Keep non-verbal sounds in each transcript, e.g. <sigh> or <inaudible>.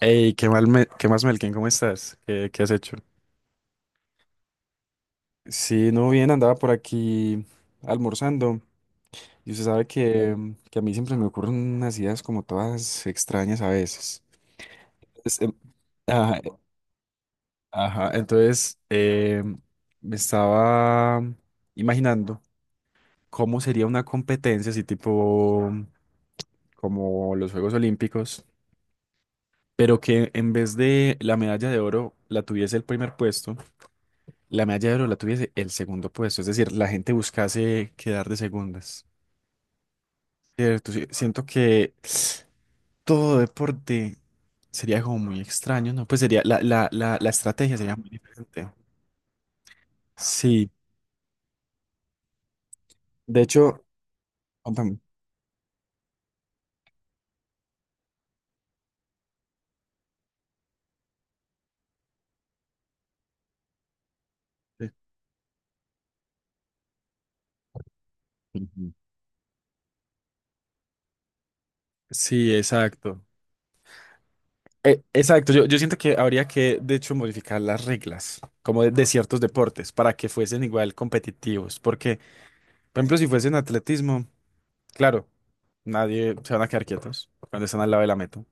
Hey, qué mal me- qué más, Melkin, ¿cómo estás? ¿Qué has hecho? Sí, no, bien, andaba por aquí almorzando. Y usted sabe que que a mí siempre me ocurren unas ideas como todas extrañas a veces. Es, em, ajá, eh, ajá, entonces, me estaba imaginando cómo sería una competencia así tipo como los Juegos Olímpicos, pero que en vez de la medalla de oro la tuviese el primer puesto, la medalla de oro la tuviese el segundo puesto, es decir, la gente buscase quedar de segundas, ¿cierto? Sí, siento que todo deporte sería como muy extraño, ¿no? Pues sería, la estrategia sería muy diferente. Sí, de hecho, contame. Sí, ujú. Sí, exacto. Exacto, yo siento que habría que, de hecho, modificar las reglas, como de ciertos deportes, para que fuesen igual competitivos, porque, por ejemplo, si fuesen atletismo... Claro, nadie se van a quedar quietos cuando están al lado de la meta.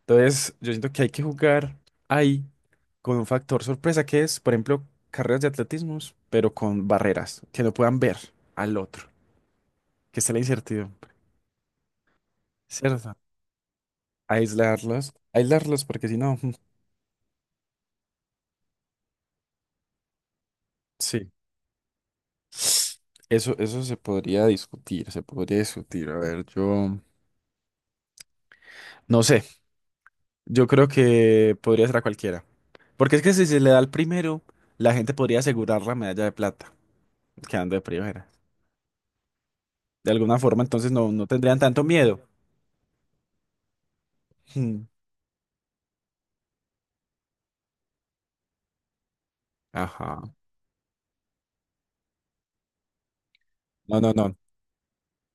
Entonces, yo siento que hay que jugar ahí con un factor sorpresa que es, por ejemplo, carreras de atletismo, pero con barreras, que no puedan ver al otro, que sea la incertidumbre, ¿cierto? Aislarlos, aislarlos, porque si no, <laughs> sí. Eso se podría discutir, se podría discutir. A ver, yo no sé, yo creo que podría ser a cualquiera. Porque es que si se le da al primero, la gente podría asegurar la medalla de plata. Quedando de primera. De alguna forma, entonces no, no tendrían tanto miedo. <laughs> Hmm. Ajá. No, no, no.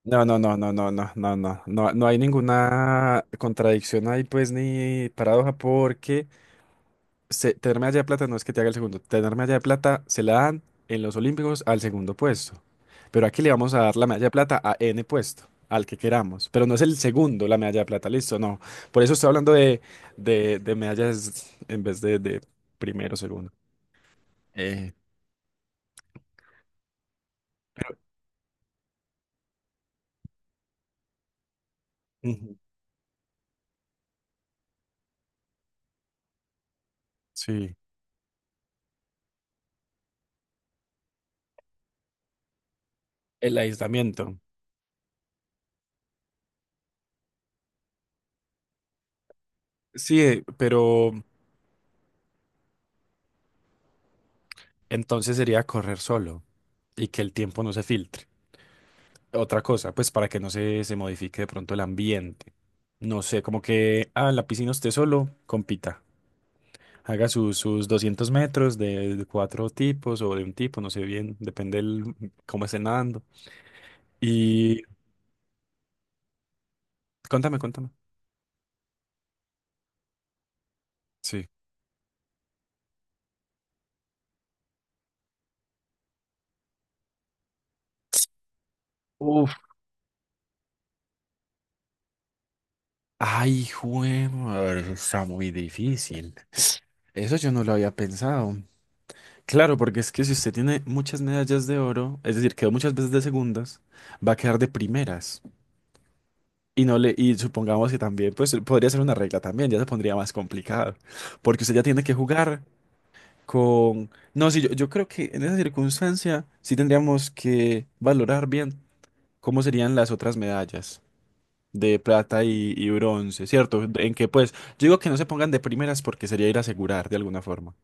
No, no, no, no, no, no, no, no. No, no hay ninguna contradicción ahí, pues, ni paradoja, porque se- tenerme allá de plata no es que te haga el segundo. Tenerme allá de plata se la dan en los Olímpicos al segundo puesto. Pero aquí le vamos a dar la medalla de plata a N puesto, al que queramos. Pero no es el segundo la medalla de plata, listo, no. Por eso estoy hablando de medallas en vez de primero, segundo. Eh. Sí, el aislamiento. Sí, pero entonces sería correr solo y que el tiempo no se filtre. Otra cosa, pues para que no se, se modifique de pronto el ambiente. No sé, como que, ah, en la piscina usted solo, compita. Haga sus, sus 200 metros de cuatro tipos o de un tipo, no sé bien, depende el, cómo esté nadando. Y contame, contame. Sí. Uf, ay, jue- madre, está muy difícil. Eso yo no lo había pensado. Claro, porque es que si usted tiene muchas medallas de oro, es decir, quedó muchas veces de segundas, va a quedar de primeras. Y no le, y supongamos que también, pues podría ser una regla también, ya se pondría más complicado. Porque usted ya tiene que jugar con. No, sí, yo creo que en esa circunstancia sí tendríamos que valorar bien cómo serían las otras medallas de plata y bronce, ¿cierto? En que pues, yo digo que no se pongan de primeras porque sería ir a asegurar de alguna forma,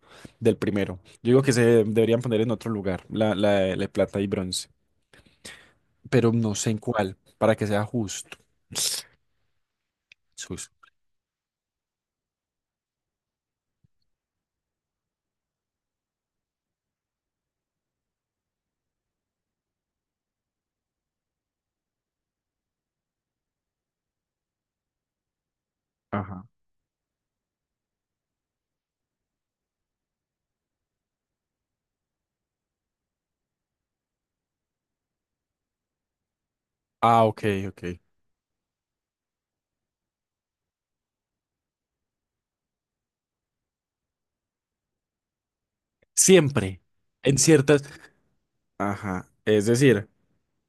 del primero. Yo digo que se deberían poner en otro lugar, la de plata y bronce, pero no sé en cuál, para que sea justo. Sus. Ajá. Ah, ok, ok. Siempre, en ciertas... Ajá, es decir,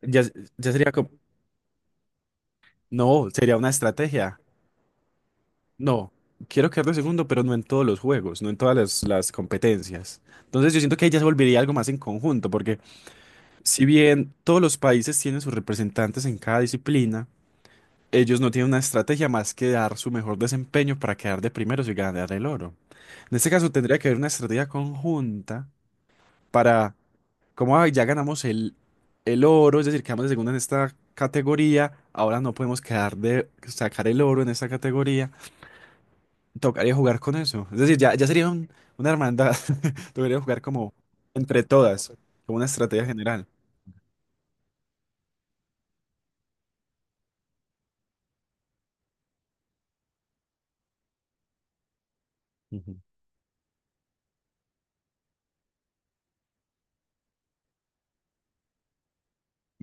ya, ya sería como... No, sería una estrategia. No, quiero quedar de segundo, pero no en todos los juegos, no en todas las competencias. Entonces yo siento que ahí ya se volvería algo más en conjunto, porque si bien todos los países tienen sus representantes en cada disciplina, ellos no tienen una estrategia más que dar su mejor desempeño para quedar de primeros y ganar el oro. En este caso tendría que haber una estrategia conjunta para, como "Ay, ya ganamos el oro, es decir, quedamos de segunda en esta categoría, ahora no podemos quedar de sacar el oro en esta categoría, tocaría jugar con eso. Es decir, ya sería un- una hermandad, <laughs> tocaría jugar como entre todas, como una estrategia general. Ujú.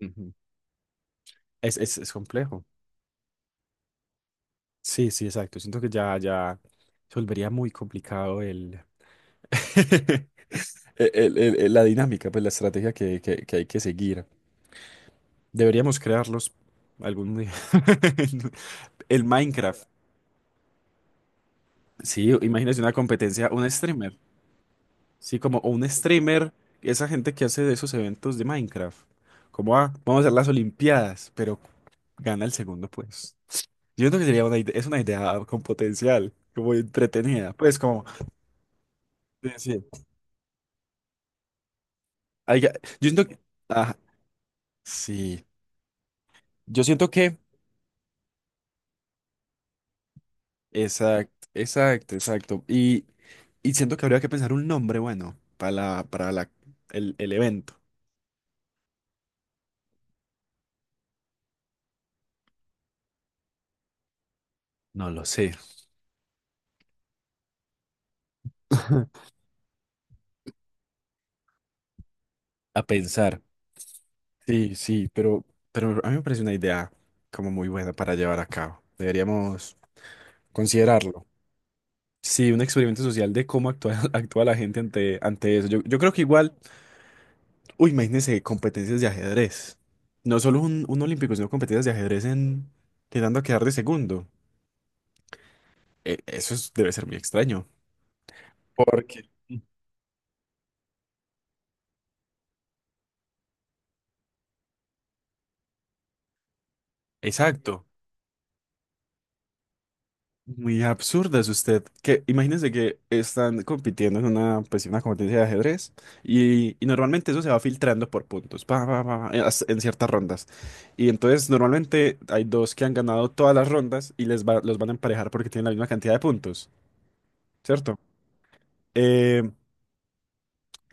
Ujú. Es complejo. Sí, sí, exacto. Siento que ya se volvería muy complicado el, <laughs> la dinámica, pues la estrategia que hay que seguir. Deberíamos crearlos algún día. <laughs> El Minecraft. Sí, imagínese una competencia, un streamer. Sí, como un streamer, esa gente que hace de esos eventos de Minecraft. Como, ah, vamos a hacer las Olimpiadas, pero gana el segundo, pues. Yo creo que sería una idea, es una idea con potencial, como entretenida. Pues como... Ay, ya, yo siento que, ah, sí, yo siento que, exacto, exacto, exacto. Y siento que habría que pensar un nombre bueno para el evento. No lo sé. <laughs> A pensar. Sí, sí, pero a mí me parece una idea como muy buena para llevar a cabo. Deberíamos considerarlo. Sí, un experimento social de cómo actúa, <laughs> actúa la gente ante, ante eso. Yo creo que igual. Uy, imagínense competencias de ajedrez. No solo un olímpico, sino competencias de ajedrez en quedando a quedar de segundo. E- eso es- debe ser muy extraño. Porque exacto. Muy absurda es usted. Que imagínense que están compitiendo en una, pues, una competencia de ajedrez y normalmente eso se va filtrando por puntos, pa, pa, pa, pa, en as- en ciertas rondas. Y entonces normalmente hay dos que han ganado todas las rondas y les va- los van a emparejar porque tienen la misma cantidad de puntos, ¿cierto? Eh,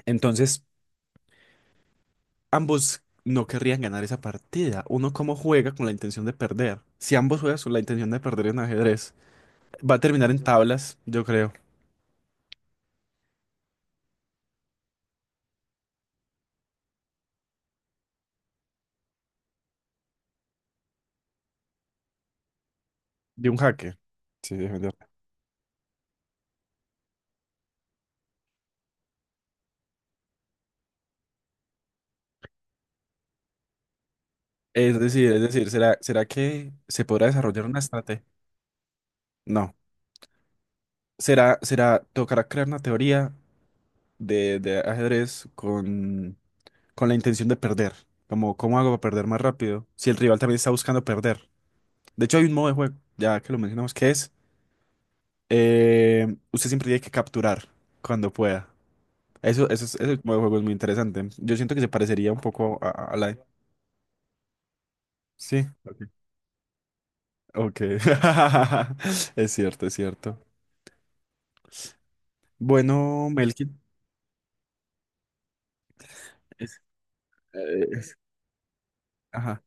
entonces ambos no querrían ganar esa partida. Uno como juega con la intención de perder. Si ambos juegan con la intención de perder en ajedrez, va a terminar en tablas, yo creo, de un jaque. Sí, defender. Es decir, ¿será, será que se podrá desarrollar una estrategia? No. Será, será, tocará crear una teoría de ajedrez con la intención de perder. Como, ¿cómo hago para perder más rápido? Si el rival también está buscando perder. De hecho, hay un modo de juego, ya que lo mencionamos, que es eh, usted siempre tiene que capturar cuando pueda. Eso, es- ese modo de juego es muy interesante. Yo siento que se parecería un poco a la... Sí. Ok. Ok. <laughs> Es cierto, es cierto. Bueno, Melkin. Es- es- ajá.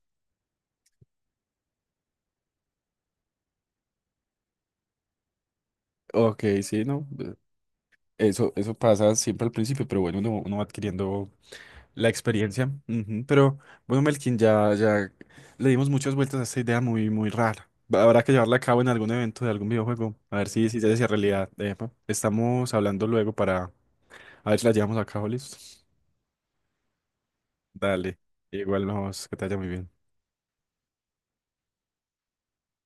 Ok, sí, no. Eso pasa siempre al principio, pero bueno, uno, uno va adquiriendo la experiencia. Ujú. Pero bueno, Melkin, ya le dimos muchas vueltas a esta idea muy, muy rara. Habrá que llevarla a cabo en algún evento de algún videojuego. A ver si, si se hace realidad. Epa. Estamos hablando luego para a ver si la llevamos a cabo, listo. Dale. Igual nos, que te vaya muy bien.